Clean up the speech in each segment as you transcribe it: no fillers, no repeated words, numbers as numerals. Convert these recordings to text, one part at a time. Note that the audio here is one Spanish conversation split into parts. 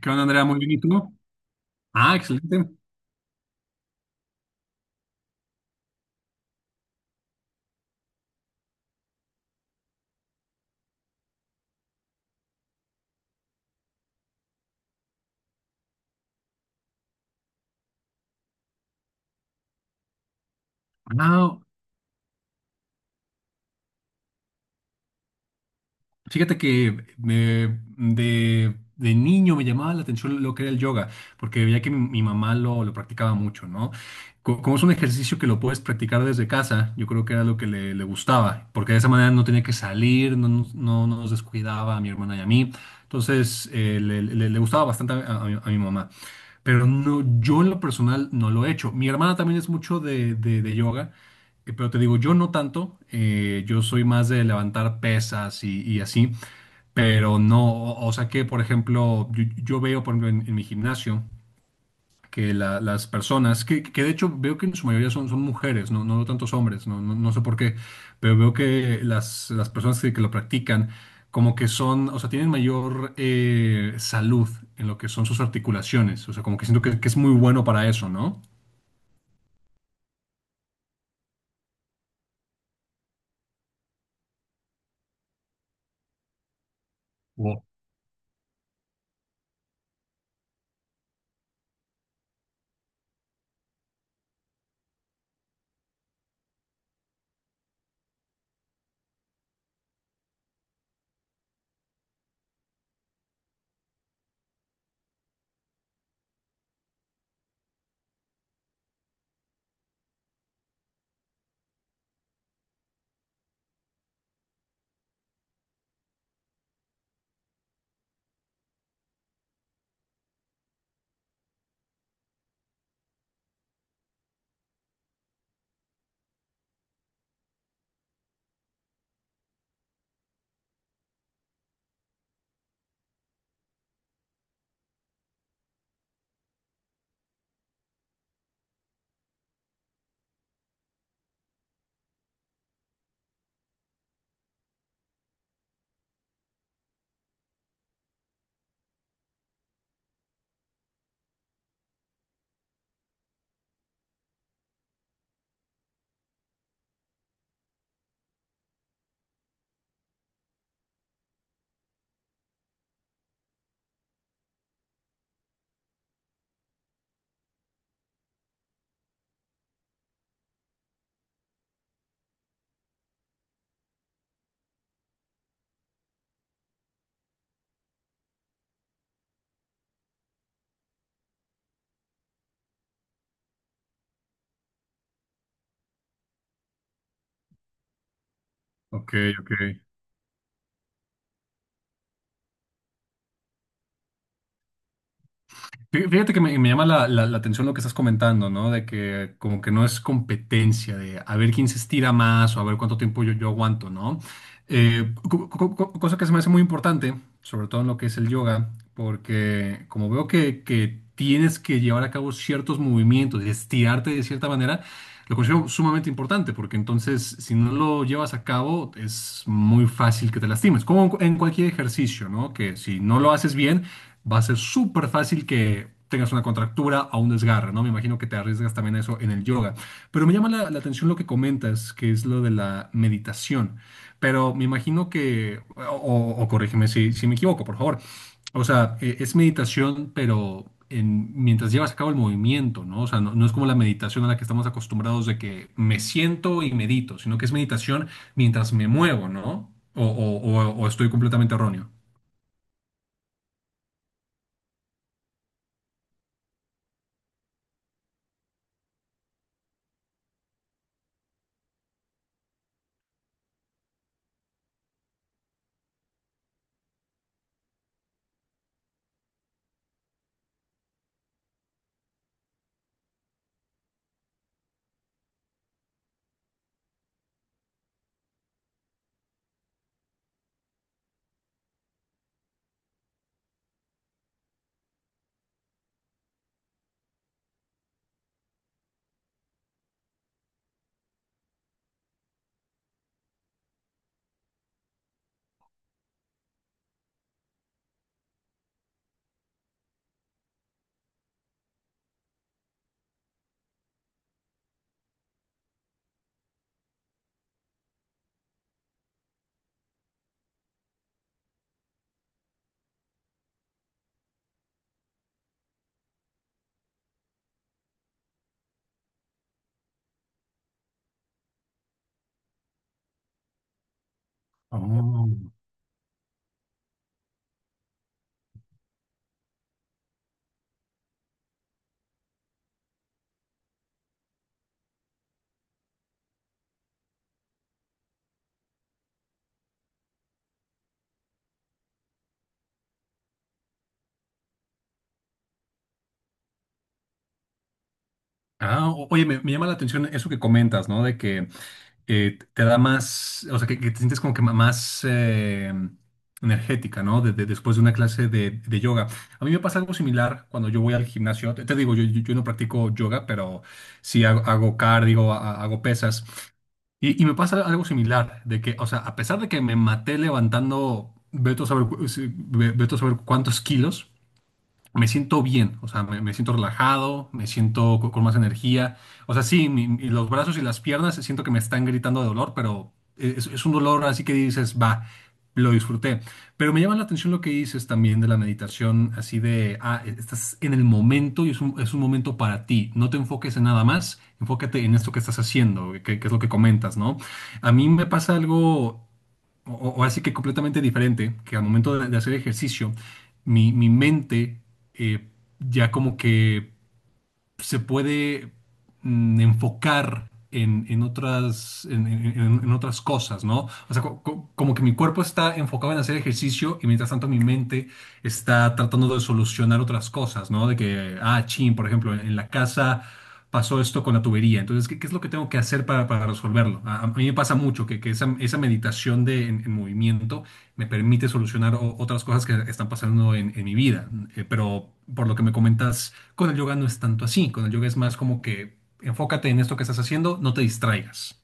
¿Qué onda, Andrea? Muy bien, ¿y tú? Ah, excelente. Ah, fíjate que de niño me llamaba la atención lo que era el yoga, porque veía que mi mamá lo practicaba mucho, ¿no? Como es un ejercicio que lo puedes practicar desde casa, yo creo que era lo que le gustaba, porque de esa manera no tenía que salir, no nos descuidaba a mi hermana y a mí. Entonces, le gustaba bastante a mi mamá. Pero no, yo en lo personal no lo he hecho. Mi hermana también es mucho de yoga. Pero te digo, yo no tanto, yo soy más de levantar pesas y así, pero no, o sea que, por ejemplo, yo veo, por ejemplo, en mi gimnasio que las personas, que de hecho veo que en su mayoría son mujeres, no veo tantos hombres, no sé por qué, pero veo que las personas que lo practican, como que son, o sea, tienen mayor salud en lo que son sus articulaciones, o sea, como que siento que es muy bueno para eso, ¿no? Wow. Ok, ok. Fíjate que me llama la atención lo que estás comentando, ¿no? De que como que no es competencia, de a ver quién se estira más o a ver cuánto tiempo yo aguanto, ¿no? Cosa que se me hace muy importante, sobre todo en lo que es el yoga, porque como veo que tienes que llevar a cabo ciertos movimientos y estirarte de cierta manera, lo considero sumamente importante porque entonces si no lo llevas a cabo es muy fácil que te lastimes, como en cualquier ejercicio, ¿no? Que si no lo haces bien va a ser súper fácil que tengas una contractura o un desgarre, ¿no? Me imagino que te arriesgas también a eso en el yoga. Pero me llama la atención lo que comentas, que es lo de la meditación. Pero me imagino que, o corrígeme si me equivoco, por favor, o sea, es meditación, pero en, mientras llevas a cabo el movimiento, ¿no? O sea, no es como la meditación a la que estamos acostumbrados de que me siento y medito, sino que es meditación mientras me muevo, ¿no? O estoy completamente erróneo. Oh. Oye, me llama la atención eso que comentas, ¿no? De que te da más, o sea, que te sientes como que más energética, ¿no? Después de una clase de yoga. A mí me pasa algo similar cuando yo voy al gimnasio. Te digo, yo no practico yoga, pero sí hago, hago cardio, hago pesas. Y me pasa algo similar, de que, o sea, a pesar de que me maté levantando, veto a saber, vete a saber cuántos kilos me siento bien, o sea, me siento relajado, me siento con más energía. O sea, sí, los brazos y las piernas siento que me están gritando de dolor, pero es un dolor así que dices, va, lo disfruté. Pero me llama la atención lo que dices también de la meditación, así de, ah, estás en el momento y es un momento para ti. No te enfoques en nada más, enfócate en esto que estás haciendo, que es lo que comentas, ¿no? A mí me pasa algo. O así que completamente diferente, que al momento de hacer ejercicio, mi mente eh, ya como que se puede enfocar en otras, en otras cosas, ¿no? O sea, como que mi cuerpo está enfocado en hacer ejercicio y mientras tanto mi mente está tratando de solucionar otras cosas, ¿no? De que, ah, chin, por ejemplo, en la casa pasó esto con la tubería, entonces, ¿qué es lo que tengo que hacer para resolverlo? A mí me pasa mucho que esa meditación de, en movimiento me permite solucionar otras cosas que están pasando en mi vida. Pero por lo que me comentas, con el yoga no es tanto así. Con el yoga es más como que enfócate en esto que estás haciendo, no te distraigas.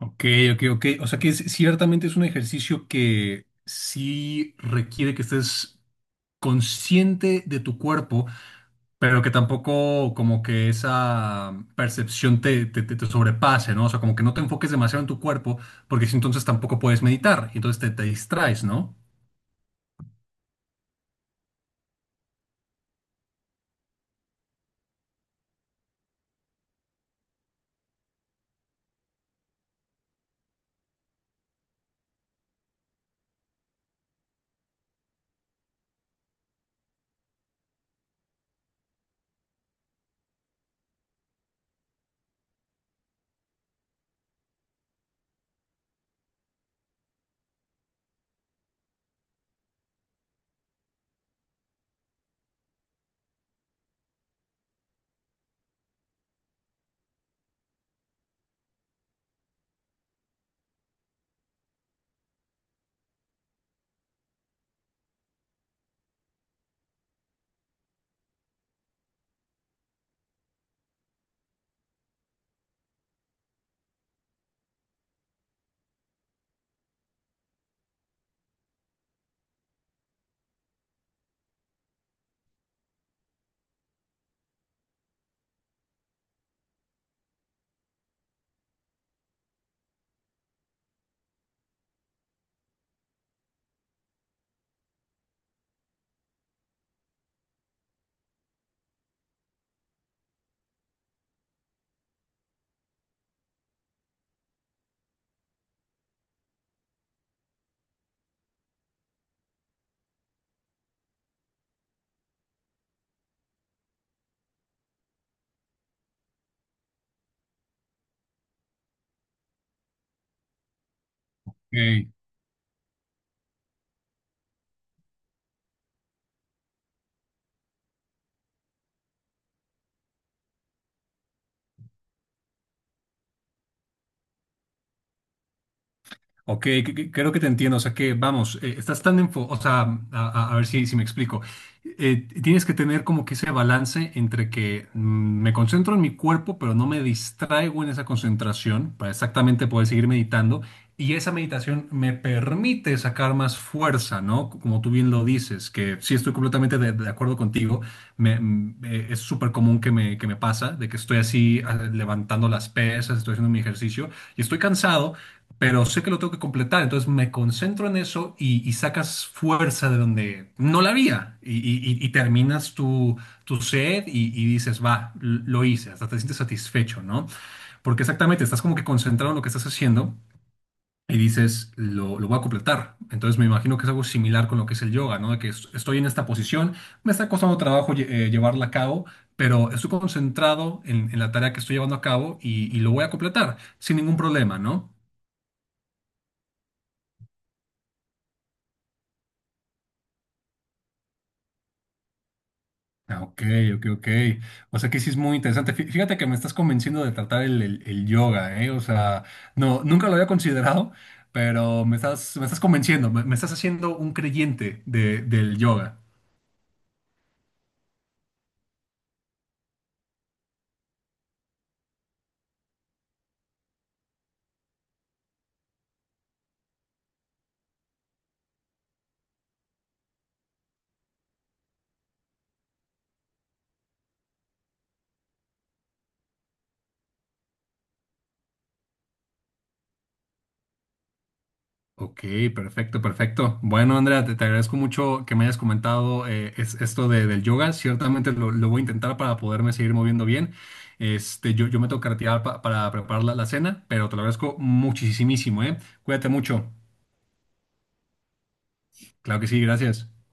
Ok, ok, ok. O sea que ciertamente es un ejercicio que sí requiere que estés consciente de tu cuerpo, pero que tampoco como que esa percepción te sobrepase, ¿no? O sea, como que no te enfoques demasiado en tu cuerpo, porque si entonces tampoco puedes meditar, y entonces te distraes, ¿no? Ey, ok, creo que te entiendo. O sea que, vamos, estás tan enfo, o sea, a ver si me explico. Tienes que tener como que ese balance entre que me concentro en mi cuerpo, pero no me distraigo en esa concentración para exactamente poder seguir meditando. Y esa meditación me permite sacar más fuerza, ¿no? Como tú bien lo dices, que sí estoy completamente de acuerdo contigo. Es súper común que me pasa, de que estoy así ah, levantando las pesas, estoy haciendo mi ejercicio y estoy cansado, pero sé que lo tengo que completar, entonces me concentro en eso y sacas fuerza de donde no la había y terminas tu, tu set y dices, va, lo hice, hasta te sientes satisfecho, ¿no? Porque exactamente, estás como que concentrado en lo que estás haciendo y dices, lo voy a completar. Entonces me imagino que es algo similar con lo que es el yoga, ¿no? De que estoy en esta posición, me está costando trabajo llevarla a cabo, pero estoy concentrado en la tarea que estoy llevando a cabo y lo voy a completar sin ningún problema, ¿no? Ah, ok, ok, ok. O sea que sí es muy interesante. Fíjate que me estás convenciendo de tratar el, el yoga, ¿eh? O sea, no, nunca lo había considerado, pero me estás convenciendo, me estás haciendo un creyente del yoga. Ok, perfecto, perfecto. Bueno, Andrea, te agradezco mucho que me hayas comentado esto del yoga. Ciertamente lo voy a intentar para poderme seguir moviendo bien. Este, yo me tengo que retirar para preparar la cena, pero te lo agradezco muchísimo, ¿eh? Cuídate mucho. Claro que sí, gracias.